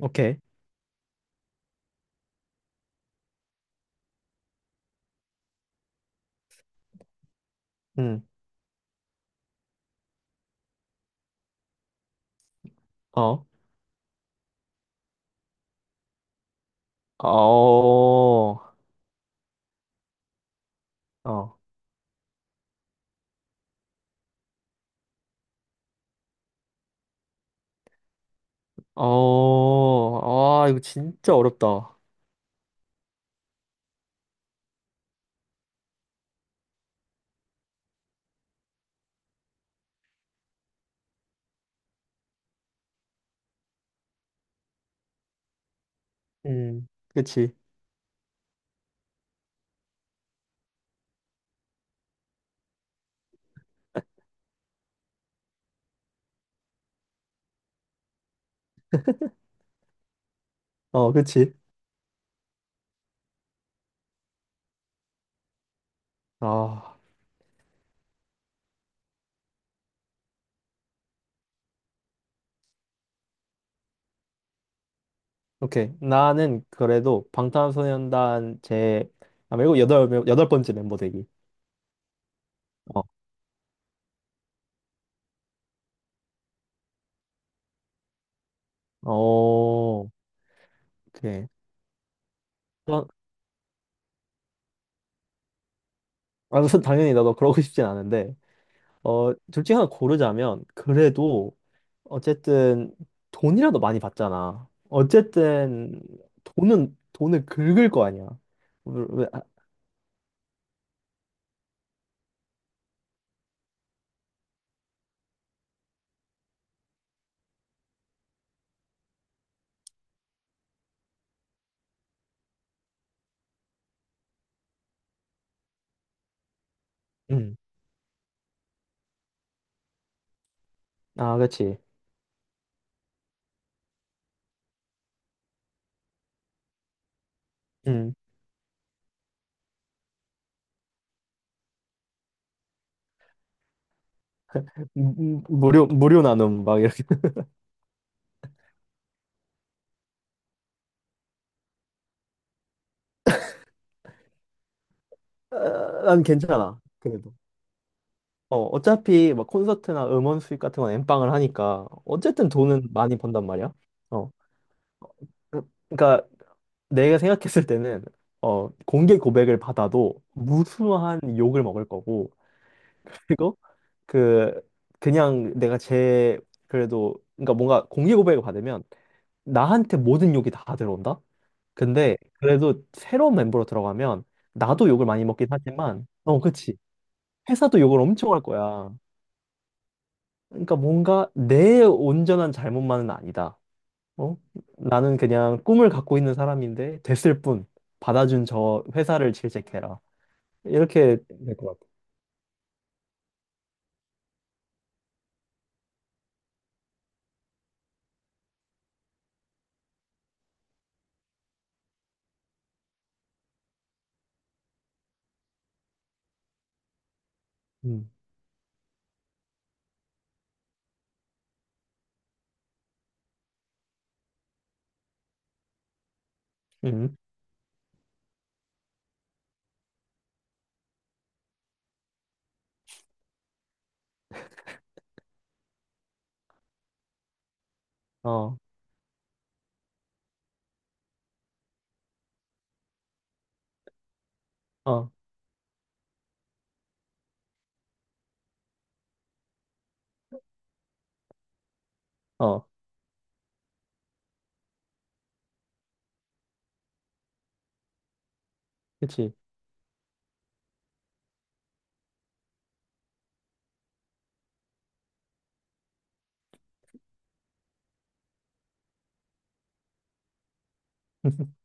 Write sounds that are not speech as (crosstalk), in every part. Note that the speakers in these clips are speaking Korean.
오케이. 응. 어. 어. 어. 어. 아, 이거 진짜 어렵다. 음, 그치. 어, 그치. 아, 오케이. 나는 그래도 방탄소년단 아, 말고 여덟 번째 멤버 되기. 어. 어, 오케이. 어, 아, (laughs) 당연히 나도 그러고 싶진 않은데, 어, 둘 중에 하나 고르자면, 그래도 어쨌든 돈이라도 많이 받잖아. 어쨌든 돈은 돈을 긁을 거 아니야. 아, 음. 아, 그렇지. 음. 무료 무료 나눔 막 이렇게. 아, 난 괜찮아. 그래도. 어, 어차피 막 콘서트나 음원 수익 같은 건 엠빵을 하니까 어쨌든 돈은 많이 번단 말이야. 어. 그러니까 내가 생각했을 때는 어, 공개 고백을 받아도 무수한 욕을 먹을 거고 그리고 그 그냥 내가 제 그래도 그러니까 뭔가 공개 고백을 받으면 나한테 모든 욕이 다 들어온다. 근데 그래도 새로운 멤버로 들어가면 나도 욕을 많이 먹긴 하지만, 어, 그치, 회사도 욕을 엄청 할 거야. 그러니까 뭔가 내 온전한 잘못만은 아니다. 어? 나는 그냥 꿈을 갖고 있는 사람인데 됐을 뿐 받아준 저 회사를 질책해라. 이렇게 될 것 같아. 음. 음. 어. 어. 어. 그치. (laughs)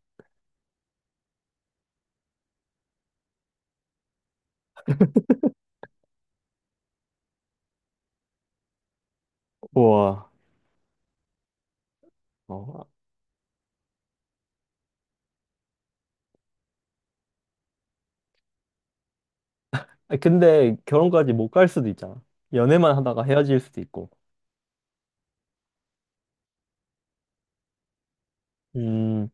우와. 어. 아, 근데 결혼까지 못 갈 수도 있잖아. 연애만 하다가 헤어질 수도 있고. 음,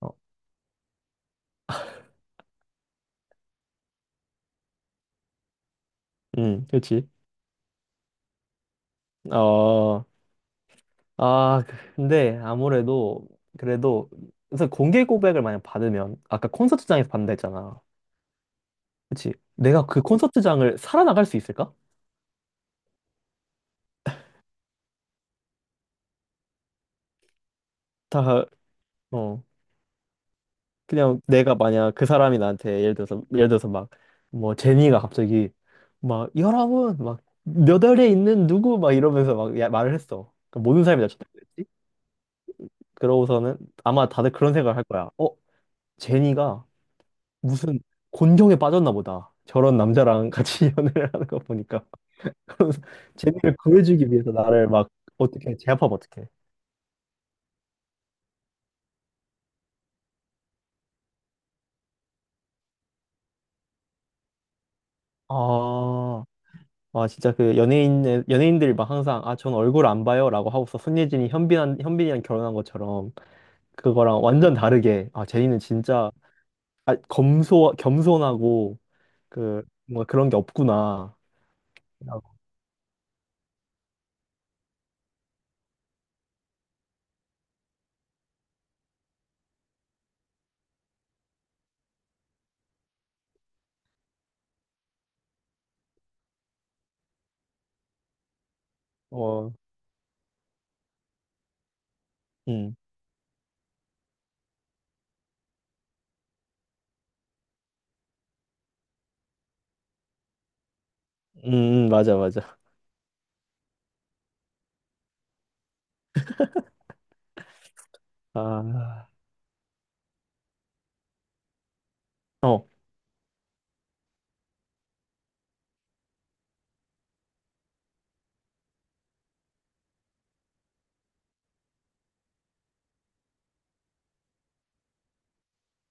어, 그렇지. 어, 아, 근데 아무래도 그래도 그래서 공개 고백을 만약 받으면 아까 콘서트장에서 받는다 했잖아. 그렇지. 내가 그 콘서트장을 살아나갈 수 있을까? 다, 어. 그냥 내가 만약 그 사람이 나한테 예를 들어서 막 뭐 제니가 갑자기 막 여러분 막몇 월에 있는 누구 막 이러면서 말을 했어. 그 모든 사람이 나 쳐다보겠지? 그러고서는 아마 다들 그런 생각을 할 거야. 어? 제니가 무슨 곤경에 빠졌나 보다. 저런 남자랑 같이 (laughs) 연애를 하는 거 보니까. 그러면서 제니를 구해주기 위해서 나를 막 어떻게 제압하면 어떡해. 아, 와, 진짜 그 연예인들이 막 항상, 아, 전 얼굴 안 봐요. 라고 하고서 손예진이 현빈이랑 결혼한 것처럼, 그거랑 완전 다르게, 아, 제니는 진짜, 아, 겸손하고, 그, 뭔가 그런 게 없구나. 라고. 어, 음, 맞아, 맞아. 아, 어,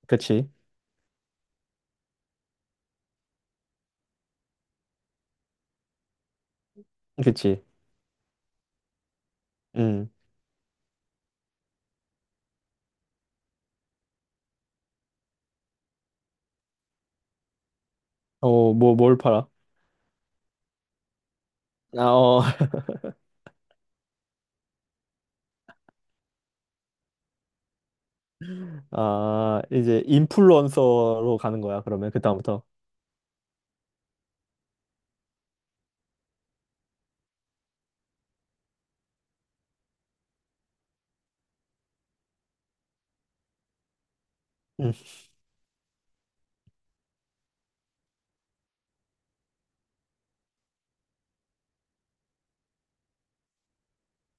그치, 그치. 음, 어, 뭘 팔아? 아, 어, (laughs) 아, 이제 인플루언서로 가는 거야, 그러면, 그다음부터. 음.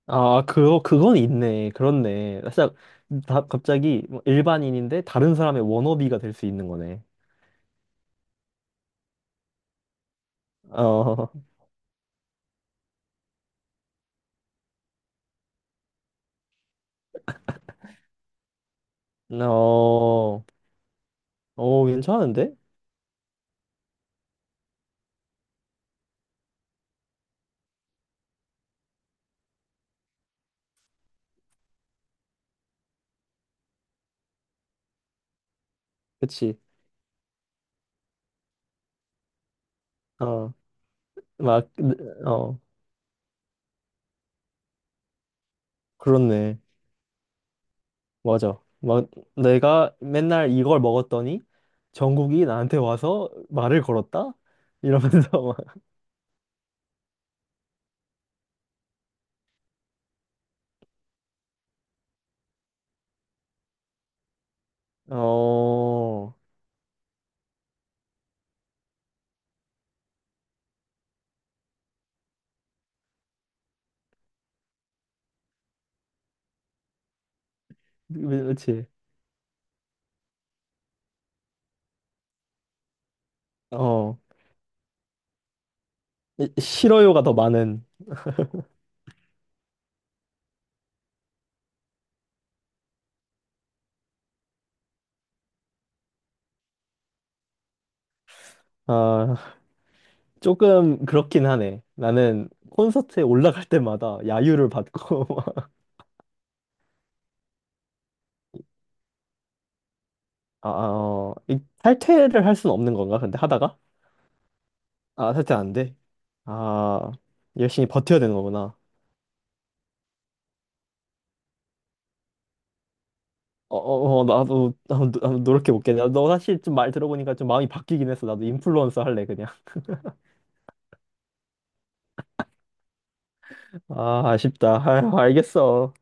아, 그건 있네. 그렇네. 살짝, 갑자기 뭐 일반인인데 다른 사람의 워너비가 될 수 있는 거네. 어, (laughs) 어, 어, 괜찮은데? 그치. 어, 막, 네, 어, 그렇네. 맞아. 막, 내가 맨날 이걸 먹었더니 정국이 나한테 와서 말을 걸었다? 이러면서 (laughs) 막, 어, 그치. 어, 싫어요가 더 많은, 아. 조금 그렇긴 하네. 나는 콘서트에 올라갈 때마다 야유를 받고 (laughs) 아, 아, 어, 이 탈퇴를 할 수는 없는 건가? 근데 하다가? 아, 탈퇴 안 돼. 아, 열심히 버텨야 되는 거구나. 어, 어, 어, 나도, 나도, 나도 노력해 볼게. 너 사실 좀 말 들어보니까 좀 마음이 바뀌긴 했어. 나도 인플루언서 할래, 그냥. (laughs) 아, 아쉽다. 아유, 알겠어.